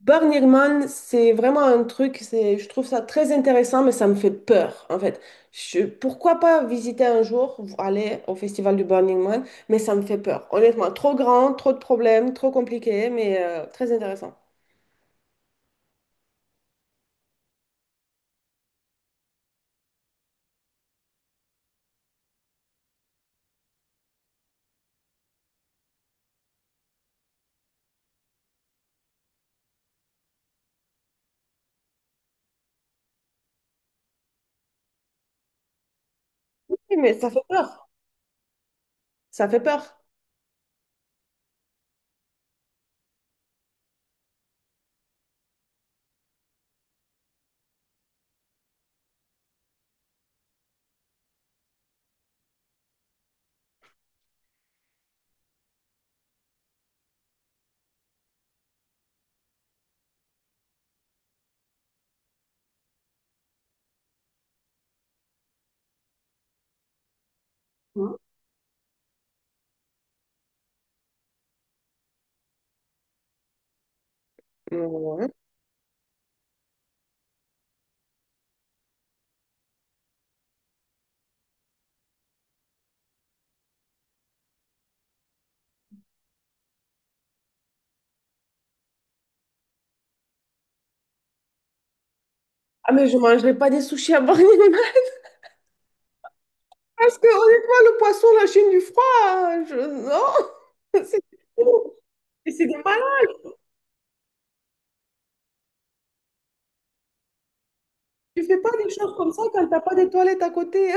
Burning c'est vraiment un truc, c'est, je trouve ça très intéressant, mais ça me fait peur, en fait. Je, pourquoi pas visiter un jour, aller au festival du Burning Man, mais ça me fait peur. Honnêtement, trop grand, trop de problèmes, trop compliqué, mais très intéressant. Oui, mais ça fait peur, ça fait peur. Mmh. Ouais. Ah, mais je mangerai pas des sushis à Burning Man, parce que honnêtement, le poisson, la Chine du froid, non, c'est oh. Et c'est des malades. Tu fais pas des choses comme ça quand t'as pas des toilettes à côté.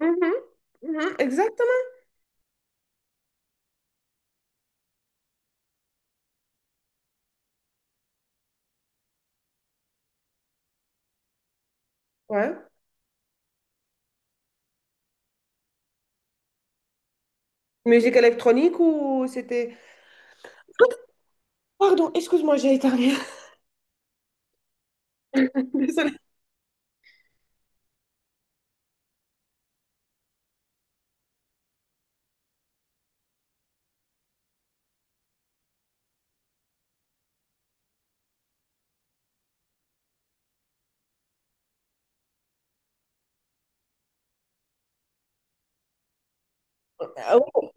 Mhm, mhm, exactement. Ouais. Musique électronique ou c'était... Pardon, excuse-moi, j'ai éternué. Désolée. Ah ouais.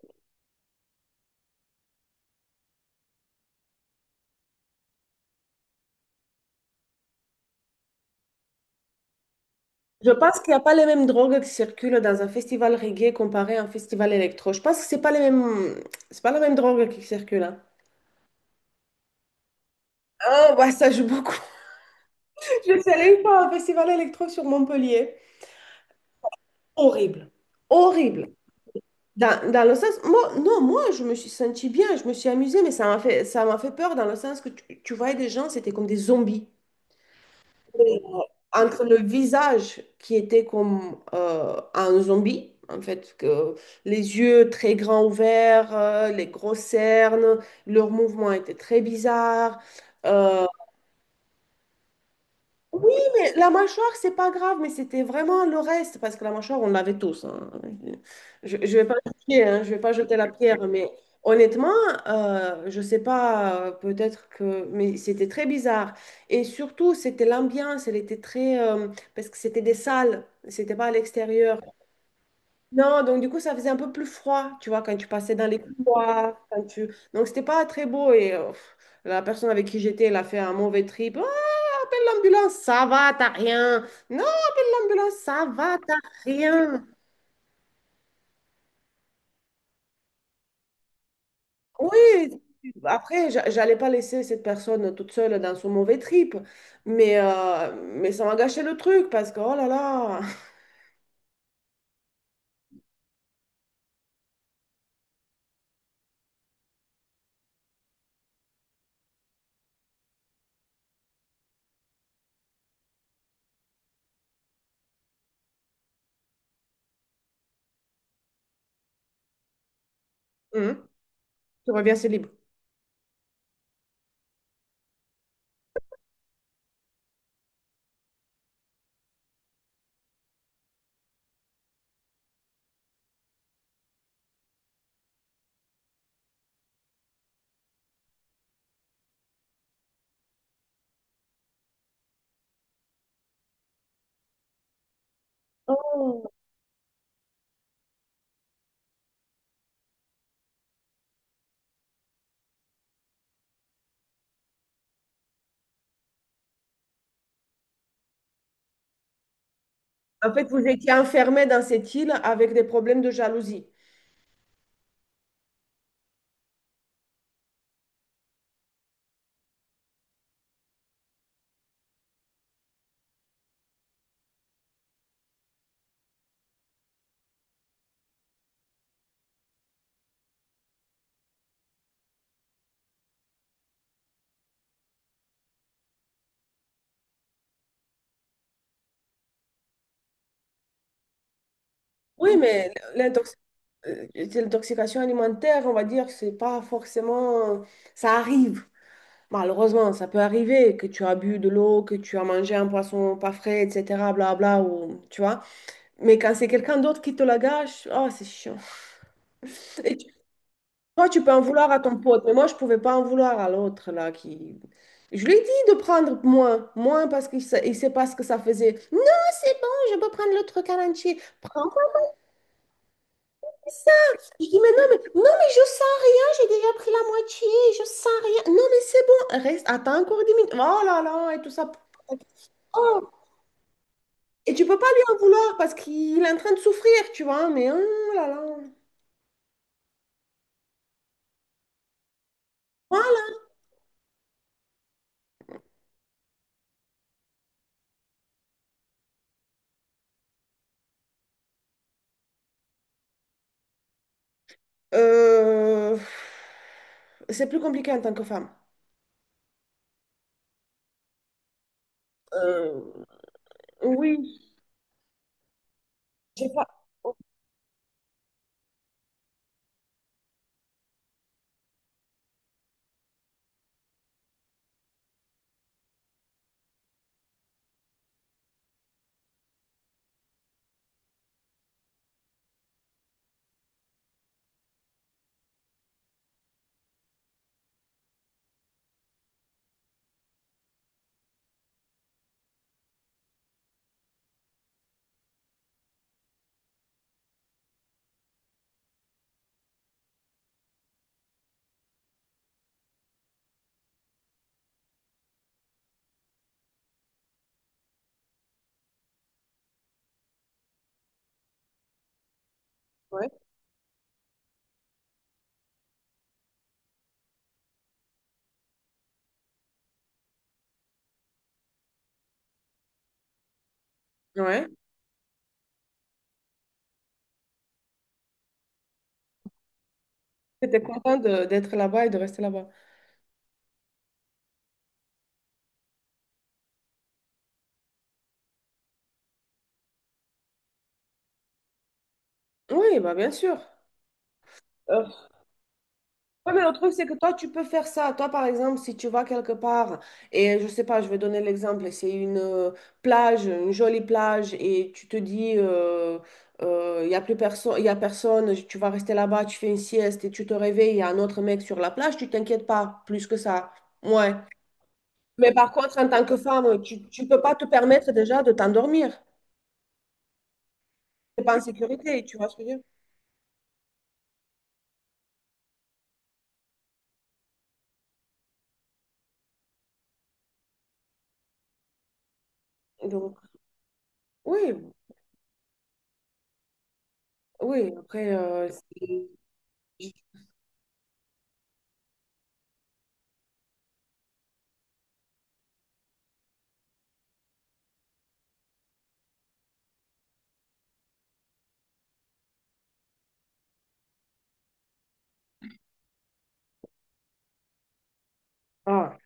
Je pense qu'il n'y a pas les mêmes drogues qui circulent dans un festival reggae comparé à un festival électro. Je pense que c'est pas les mêmes... c'est pas la même drogue qui circule, hein. Ah, bah ça joue beaucoup. Je suis allée une fois à un festival électro sur Montpellier. Horrible. Horrible. Dans, dans le sens, moi, non, moi, je me suis sentie bien, je me suis amusée, mais ça m'a fait peur dans le sens que tu voyais des gens, c'était comme des zombies. Et, entre le visage qui était comme un zombie, en fait, que les yeux très grands ouverts, les grosses cernes, leurs mouvements étaient très bizarres. Euh, oui, mais la mâchoire, c'est pas grave, mais c'était vraiment le reste, parce que la mâchoire, on l'avait tous, hein. Je vais pas jeter, hein, je vais pas jeter la pierre, mais honnêtement, je sais pas, peut-être que, mais c'était très bizarre. Et surtout, c'était l'ambiance, elle était très, parce que c'était des salles, c'était pas à l'extérieur. Non, donc du coup, ça faisait un peu plus froid, tu vois, quand tu passais dans les couloirs, donc c'était pas très beau et. La personne avec qui j'étais, elle a fait un mauvais trip. Oh, l'ambulance, ça va, t'as rien. Non, l'ambulance, ça va, t'as rien. Oui, après, j'allais pas laisser cette personne toute seule dans son mauvais trip, mais ça m'a gâché le truc parce que, oh là là, Hum, tu reviens, c'est libre. Oh. En fait, vous étiez enfermé dans cette île avec des problèmes de jalousie. Oui, mais l'intoxication alimentaire, on va dire que c'est pas forcément... Ça arrive. Malheureusement, ça peut arriver que tu as bu de l'eau, que tu as mangé un poisson pas frais, etc. Blabla, ou, tu vois. Mais quand c'est quelqu'un d'autre qui te la gâche, oh, c'est chiant. Et tu- toi, tu peux en vouloir à ton pote, mais moi, je pouvais pas en vouloir à l'autre, là, qui... Je lui ai dit de prendre moins, moins parce qu'il sait, il sait pas ce que ça faisait. Non, c'est bon, je peux prendre le truc à l'entier. Prends pas ça. Je dis, mais non, mais, non, mais je sens rien, j'ai déjà pris la moitié, je sens rien. Non, mais c'est bon, reste, attends encore 10 minutes. Oh là là, et tout ça. Oh. Et tu peux pas lui en vouloir parce qu'il est en train de souffrir, tu vois. Mais oh là là. Voilà. Euh, c'est plus compliqué en tant que femme. Euh, oui. J'ai pas. Ouais. Ouais. T'étais content d'être là-bas et de rester là-bas. Oui, bah bien sûr. Euh, Oui, mais le truc, c'est que toi, tu peux faire ça. Toi, par exemple, si tu vas quelque part, et je sais pas, je vais donner l'exemple, c'est une plage, une jolie plage, et tu te dis, il y a plus personne, il y a personne, tu vas rester là-bas, tu fais une sieste, et tu te réveilles, il y a un autre mec sur la plage, tu t'inquiètes pas plus que ça. Ouais. Mais par contre, en tant que femme, tu peux pas te permettre déjà de t'endormir. T'es pas en sécurité, tu vois ce que je veux dire? Donc, oui, oui, après, c'est... ah.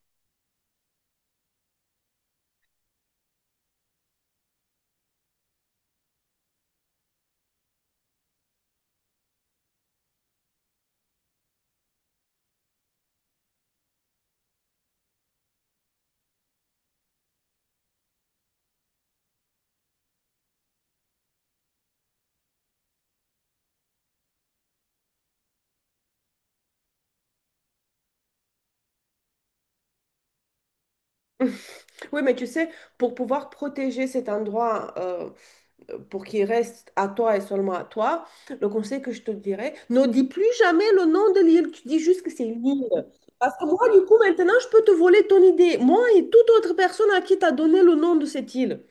Oui, mais tu sais, pour pouvoir protéger cet endroit, pour qu'il reste à toi et seulement à toi, le conseil que je te dirais, ne dis plus jamais le nom de l'île, tu dis juste que c'est une île. Parce que moi, du coup, maintenant, je peux te voler ton idée, moi et toute autre personne à qui tu as donné le nom de cette île.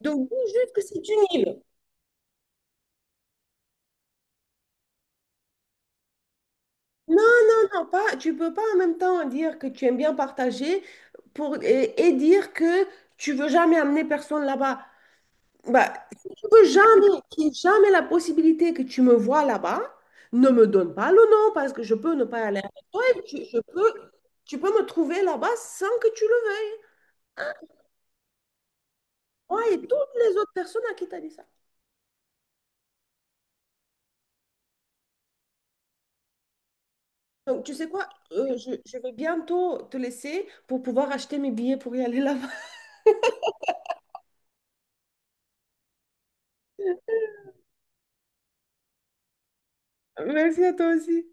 Donc, dis juste que c'est une île. Non, non, non, pas, tu peux pas en même temps dire que tu aimes bien partager pour, et dire que tu veux jamais amener personne là-bas. Bah, si tu veux jamais, qu'il y ait jamais la possibilité que tu me vois là-bas, ne me donne pas le nom parce que je peux ne pas aller avec toi et je peux, tu peux me trouver là-bas sans que tu le veuilles. Moi et toutes les autres personnes à qui t'as dit ça. Donc, tu sais quoi, euh, je vais bientôt te laisser pour pouvoir acheter mes billets pour y aller là-bas. Merci à toi aussi.